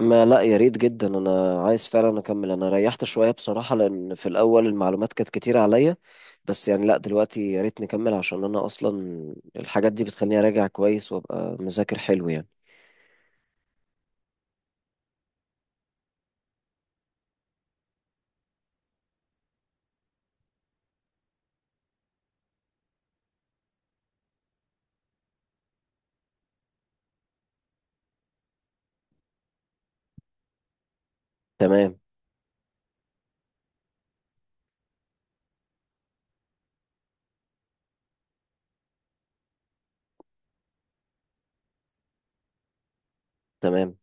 ما لا، يا ريت جدا. انا عايز فعلا اكمل. انا ريحت شويه بصراحه لان في الاول المعلومات كانت كتير عليا. بس يعني لا دلوقتي يا ريت نكمل عشان انا اصلا الحاجات دي بتخليني اراجع كويس وابقى مذاكر حلو يعني. تمام تمام.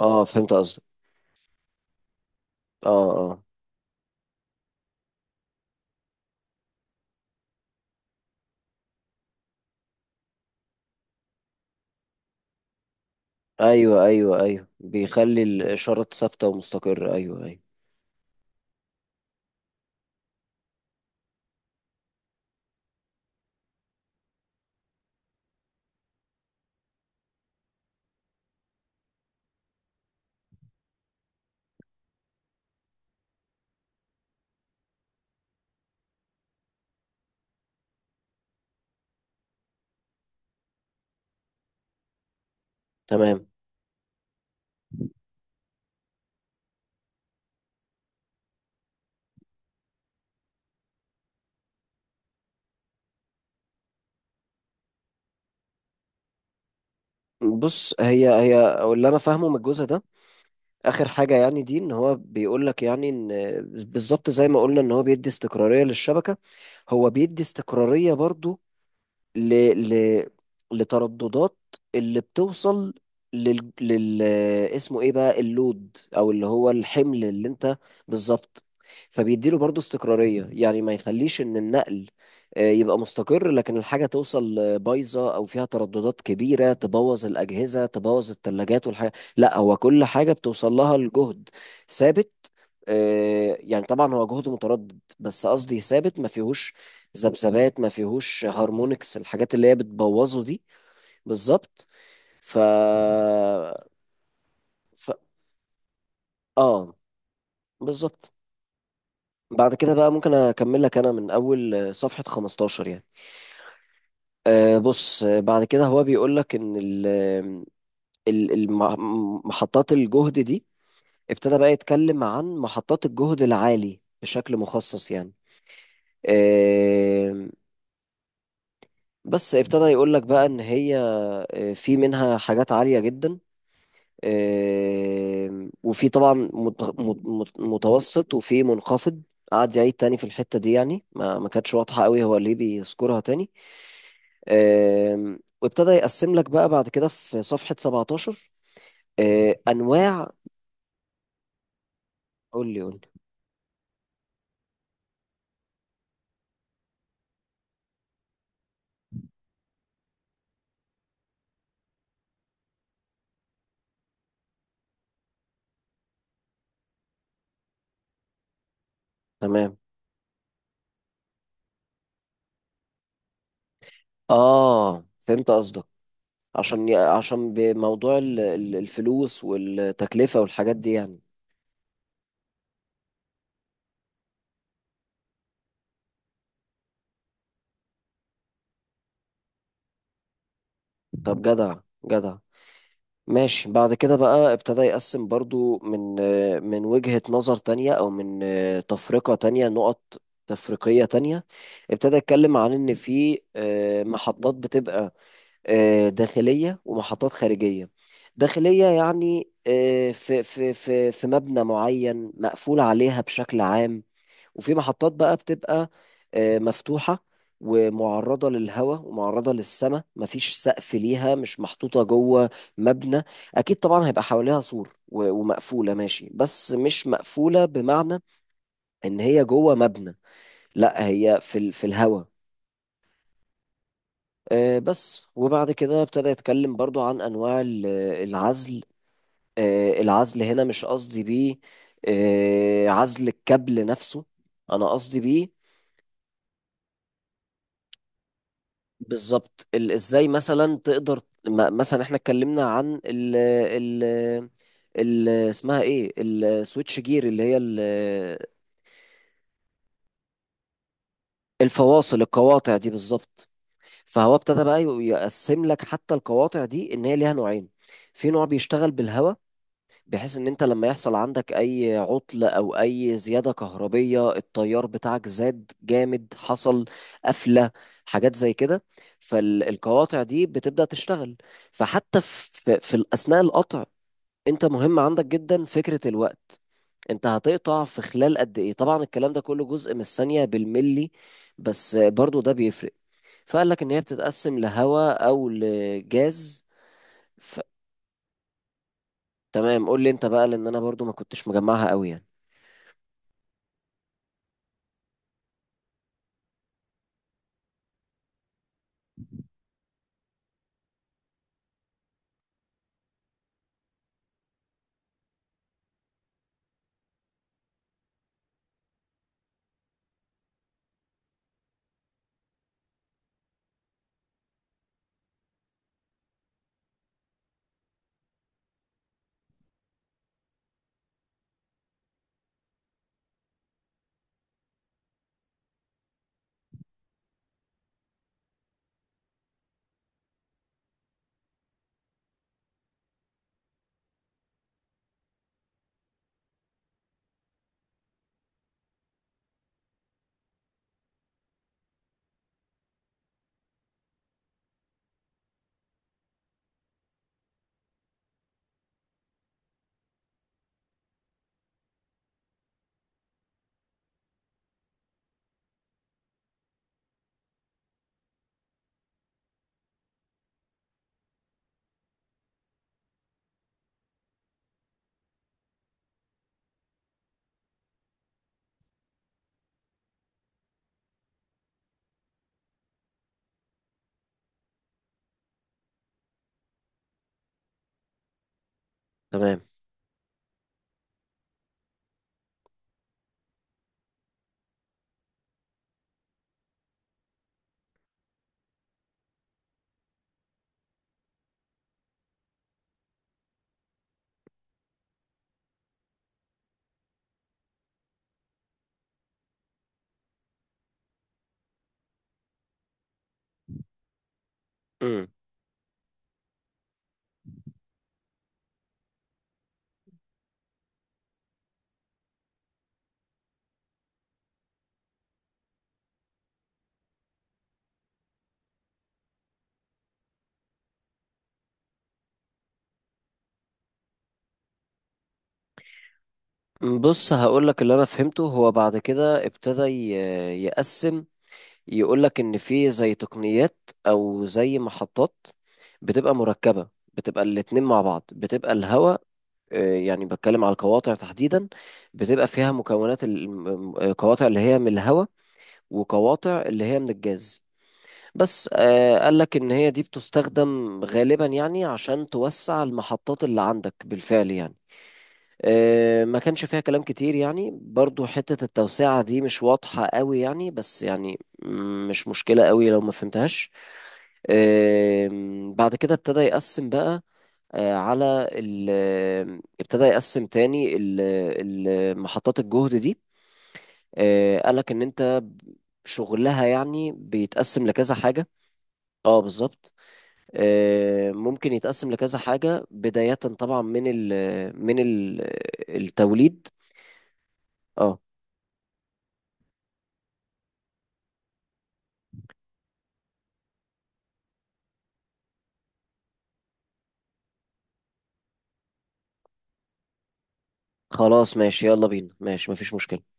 اه فهمت قصدك. اه اه. ايوه ايوه ايوه، بيخلي الاشاره ثابته ومستقره، ايوه ايوه. تمام. بص، هي هي اللي انا فاهمه من الجزء ده. اخر حاجه يعني دي ان هو بيقول لك يعني ان بالظبط زي ما قلنا ان هو بيدي استقراريه للشبكه. هو بيدي استقراريه برضو ل... ل... لترددات اللي بتوصل لل اسمه ايه بقى، اللود او اللي هو الحمل اللي انت. بالظبط. فبيديله برضو استقرارية، يعني ما يخليش ان النقل يبقى مستقر لكن الحاجة توصل بايظة او فيها ترددات كبيرة تبوظ الأجهزة، تبوظ الثلاجات والحاجة. لا، هو كل حاجة بتوصل لها الجهد ثابت. يعني طبعا هو جهد متردد بس قصدي ثابت، ما فيهوش ذبذبات، ما فيهوش هارمونكس، الحاجات اللي هي بتبوظه دي. بالظبط. ف... ف اه بالظبط. بعد كده بقى ممكن اكمل لك انا من اول صفحة 15 يعني. آه بص، بعد كده هو بيقول لك ان محطات الجهد دي ابتدى بقى يتكلم عن محطات الجهد العالي بشكل مخصص يعني. آه. بس ابتدى يقول لك بقى ان هي في منها حاجات عالية جدا. وفي طبعا متوسط وفي منخفض. قعد يعيد تاني في الحتة دي يعني، ما كانتش واضحة قوي هو ليه بيذكرها تاني. وابتدى يقسم لك بقى بعد كده في صفحة 17، آه، أنواع. قول لي قول لي. تمام. آه فهمت قصدك. عشان عشان بموضوع الفلوس والتكلفة والحاجات دي يعني. طب جدع، جدع. ماشي. بعد كده بقى ابتدى يقسم برضو من من وجهة نظر تانية أو من تفرقة تانية، نقط تفريقية تانية. ابتدى يتكلم عن إن في محطات بتبقى داخلية ومحطات خارجية. داخلية يعني في مبنى معين مقفول عليها بشكل عام. وفي محطات بقى بتبقى مفتوحة ومعرضة للهواء ومعرضة للسماء، مفيش سقف ليها، مش محطوطة جوه مبنى. أكيد طبعا هيبقى حواليها سور ومقفولة ماشي، بس مش مقفولة بمعنى إن هي جوه مبنى. لا، هي في في الهواء. بس. وبعد كده ابتدى يتكلم برضو عن أنواع العزل. آه، العزل هنا مش قصدي بيه عزل الكابل نفسه، أنا قصدي بيه بالظبط ازاي مثلا تقدر. مثلا احنا اتكلمنا عن ال ال ال اسمها ايه، السويتش جير اللي هي الفواصل، القواطع دي بالظبط. فهو ابتدى بقى يقسم لك حتى القواطع دي ان هي ليها نوعين. في نوع بيشتغل بالهواء بحيث ان انت لما يحصل عندك اي عطل او اي زيادة كهربية التيار بتاعك زاد جامد، حصل قفلة، حاجات زي كده، فالقواطع دي بتبدأ تشتغل. فحتى في اثناء القطع انت مهم عندك جدا فكرة الوقت، انت هتقطع في خلال قد ايه. طبعا الكلام ده كله جزء من الثانية، بالملي، بس برضو ده بيفرق. فقال لك ان هي بتتقسم لهواء او لجاز. ف... تمام قول لي انت بقى لان انا برضو ما كنتش مجمعها قوي يعني. تمام. مم. بص هقولك اللي انا فهمته. هو بعد كده ابتدى يقسم، يقولك ان في زي تقنيات او زي محطات بتبقى مركبة، بتبقى الاتنين مع بعض، بتبقى الهواء، يعني بتكلم على القواطع تحديدا، بتبقى فيها مكونات القواطع اللي هي من الهواء وقواطع اللي هي من الجاز. بس قالك ان هي دي بتستخدم غالبا يعني عشان توسع المحطات اللي عندك بالفعل يعني. ما كانش فيها كلام كتير يعني، برضو حتة التوسعة دي مش واضحة قوي يعني، بس يعني مش مشكلة قوي لو ما فهمتهاش. بعد كده ابتدى يقسم بقى على ال ابتدى يقسم تاني محطات الجهد دي. قالك ان انت شغلها يعني بيتقسم لكذا حاجة. اه بالظبط. ممكن يتقسم لكذا حاجة، بداية طبعا من ال من ال التوليد. اه. خلاص ماشي، يلا بينا، ماشي مفيش مشكلة.